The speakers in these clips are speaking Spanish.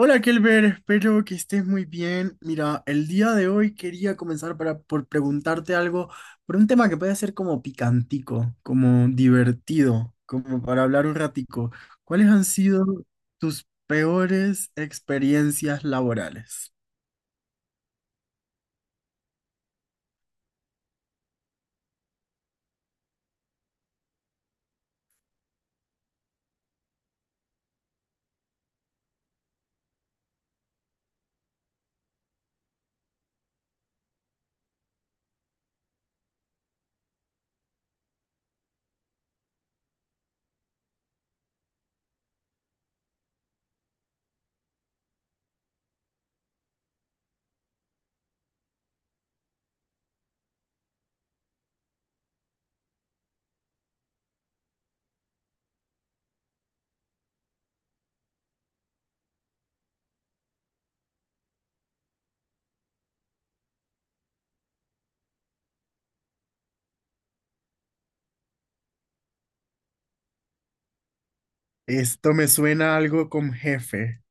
Hola Kelber, espero que estés muy bien. Mira, el día de hoy quería comenzar por preguntarte algo, por un tema que puede ser como picantico, como divertido, como para hablar un ratico. ¿Cuáles han sido tus peores experiencias laborales? Esto me suena a algo con jefe.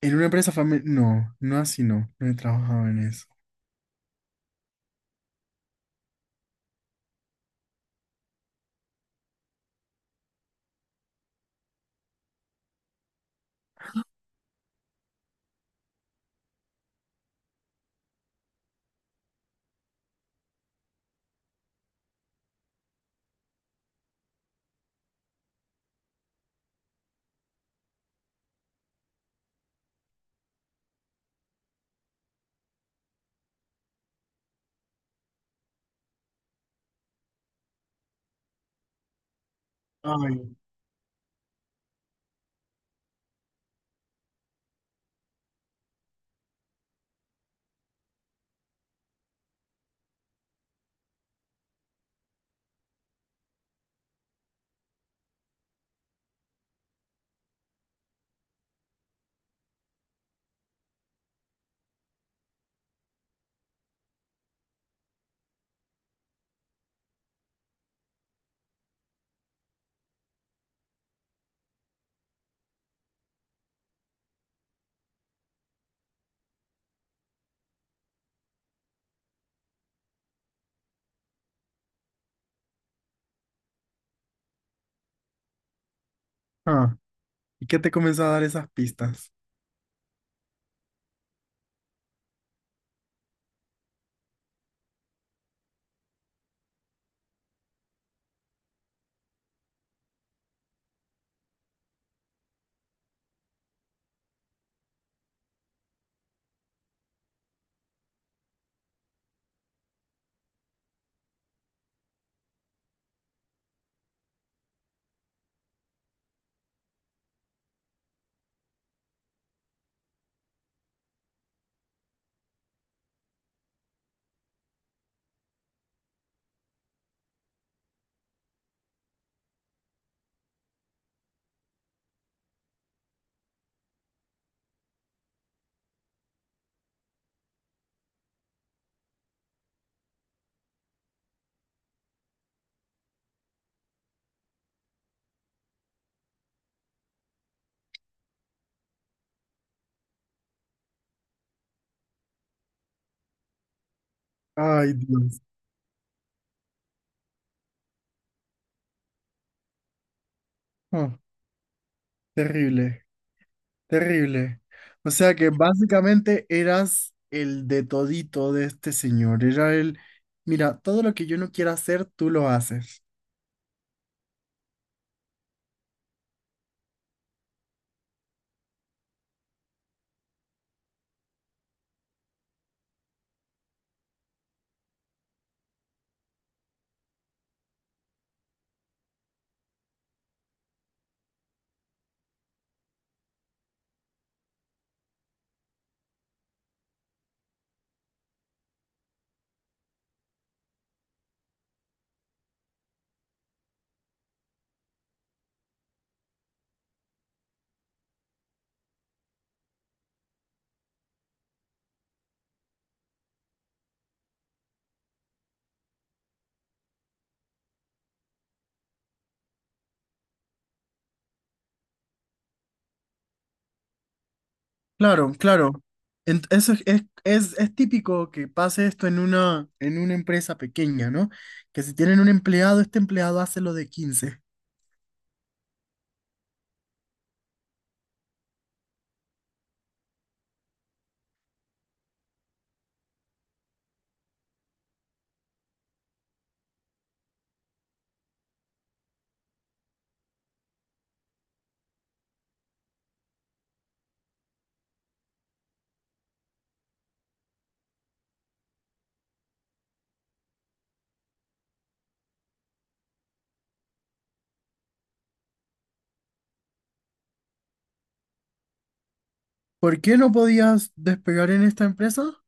En una empresa familiar. No, no así no he trabajado en eso. Ay, ah, ¿y qué te comenzó a dar esas pistas? Ay, Dios, ah, terrible. Terrible. O sea que básicamente eras el de todito de este señor. Mira, todo lo que yo no quiera hacer, tú lo haces. Claro, claro. Eso es típico que pase esto en una empresa pequeña, ¿no? Que si tienen un empleado, este empleado hace lo de quince. ¿Por qué no podías despegar en esta empresa?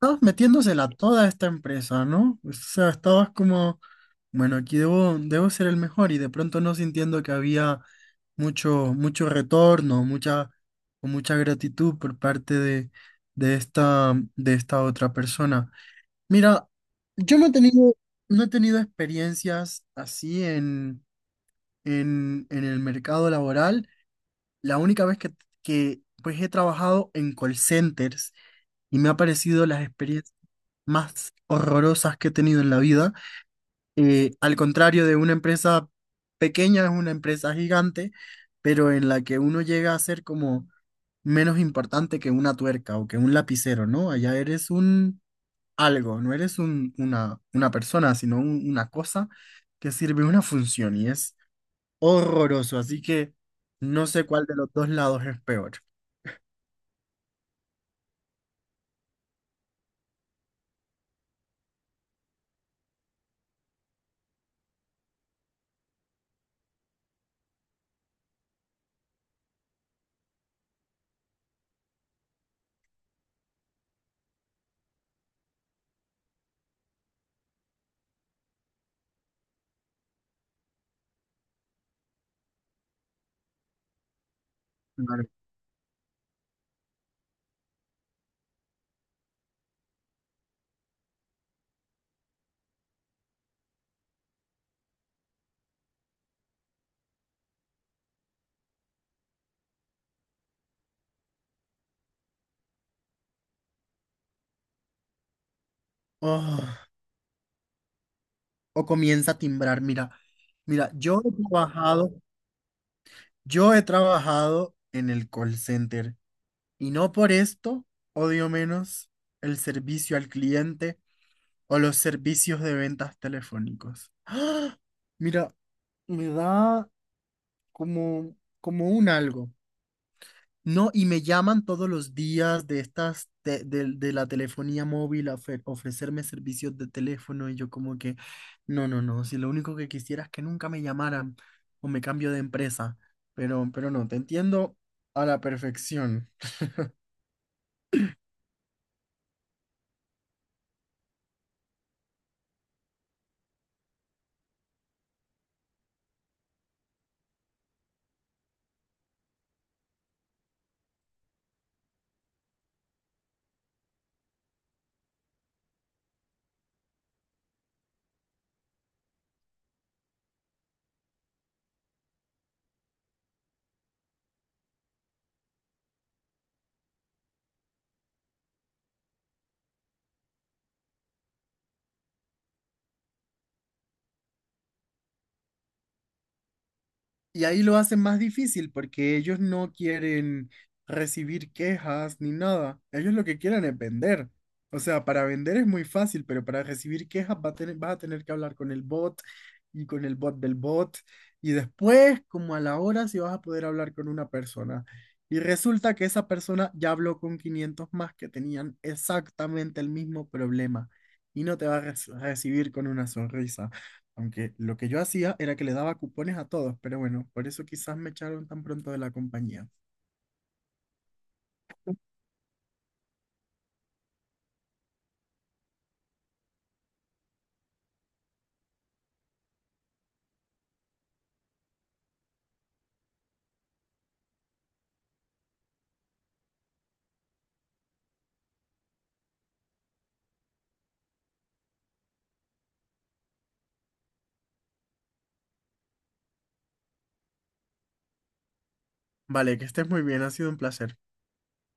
Estabas metiéndosela toda esta empresa, ¿no? O sea, estabas como, bueno, aquí debo ser el mejor y de pronto no sintiendo que había mucho retorno, mucha, o mucha gratitud por parte de esta otra persona. Mira, yo no he tenido experiencias así en el mercado laboral. La única vez que pues he trabajado en call centers y me ha parecido las experiencias más horrorosas que he tenido en la vida. Al contrario de una empresa pequeña, es una empresa gigante, pero en la que uno llega a ser como menos importante que una tuerca o que un lapicero, ¿no? Allá eres un algo, no eres una persona, sino una cosa que sirve una función y es horroroso. Así que no sé cuál de los dos lados es peor. Claro. Oh, o comienza a timbrar, mira. Mira. Yo he trabajado en el call center y no por esto odio menos el servicio al cliente o los servicios de ventas telefónicos. ¡Ah! Mira, me da como, como un algo. No, y me llaman todos los días de de la telefonía móvil a ofrecerme servicios de teléfono y yo como que, no, no, no, si lo único que quisiera es que nunca me llamaran o me cambio de empresa, pero no, te entiendo a la perfección. Y ahí lo hacen más difícil porque ellos no quieren recibir quejas ni nada. Ellos lo que quieren es vender. O sea, para vender es muy fácil, pero para recibir quejas vas a tener que hablar con el bot y con el bot del bot. Y después, como a la hora, si vas a poder hablar con una persona. Y resulta que esa persona ya habló con 500 más que tenían exactamente el mismo problema. Y no te va a recibir con una sonrisa. Aunque lo que yo hacía era que le daba cupones a todos, pero bueno, por eso quizás me echaron tan pronto de la compañía. Vale, que estés muy bien, ha sido un placer.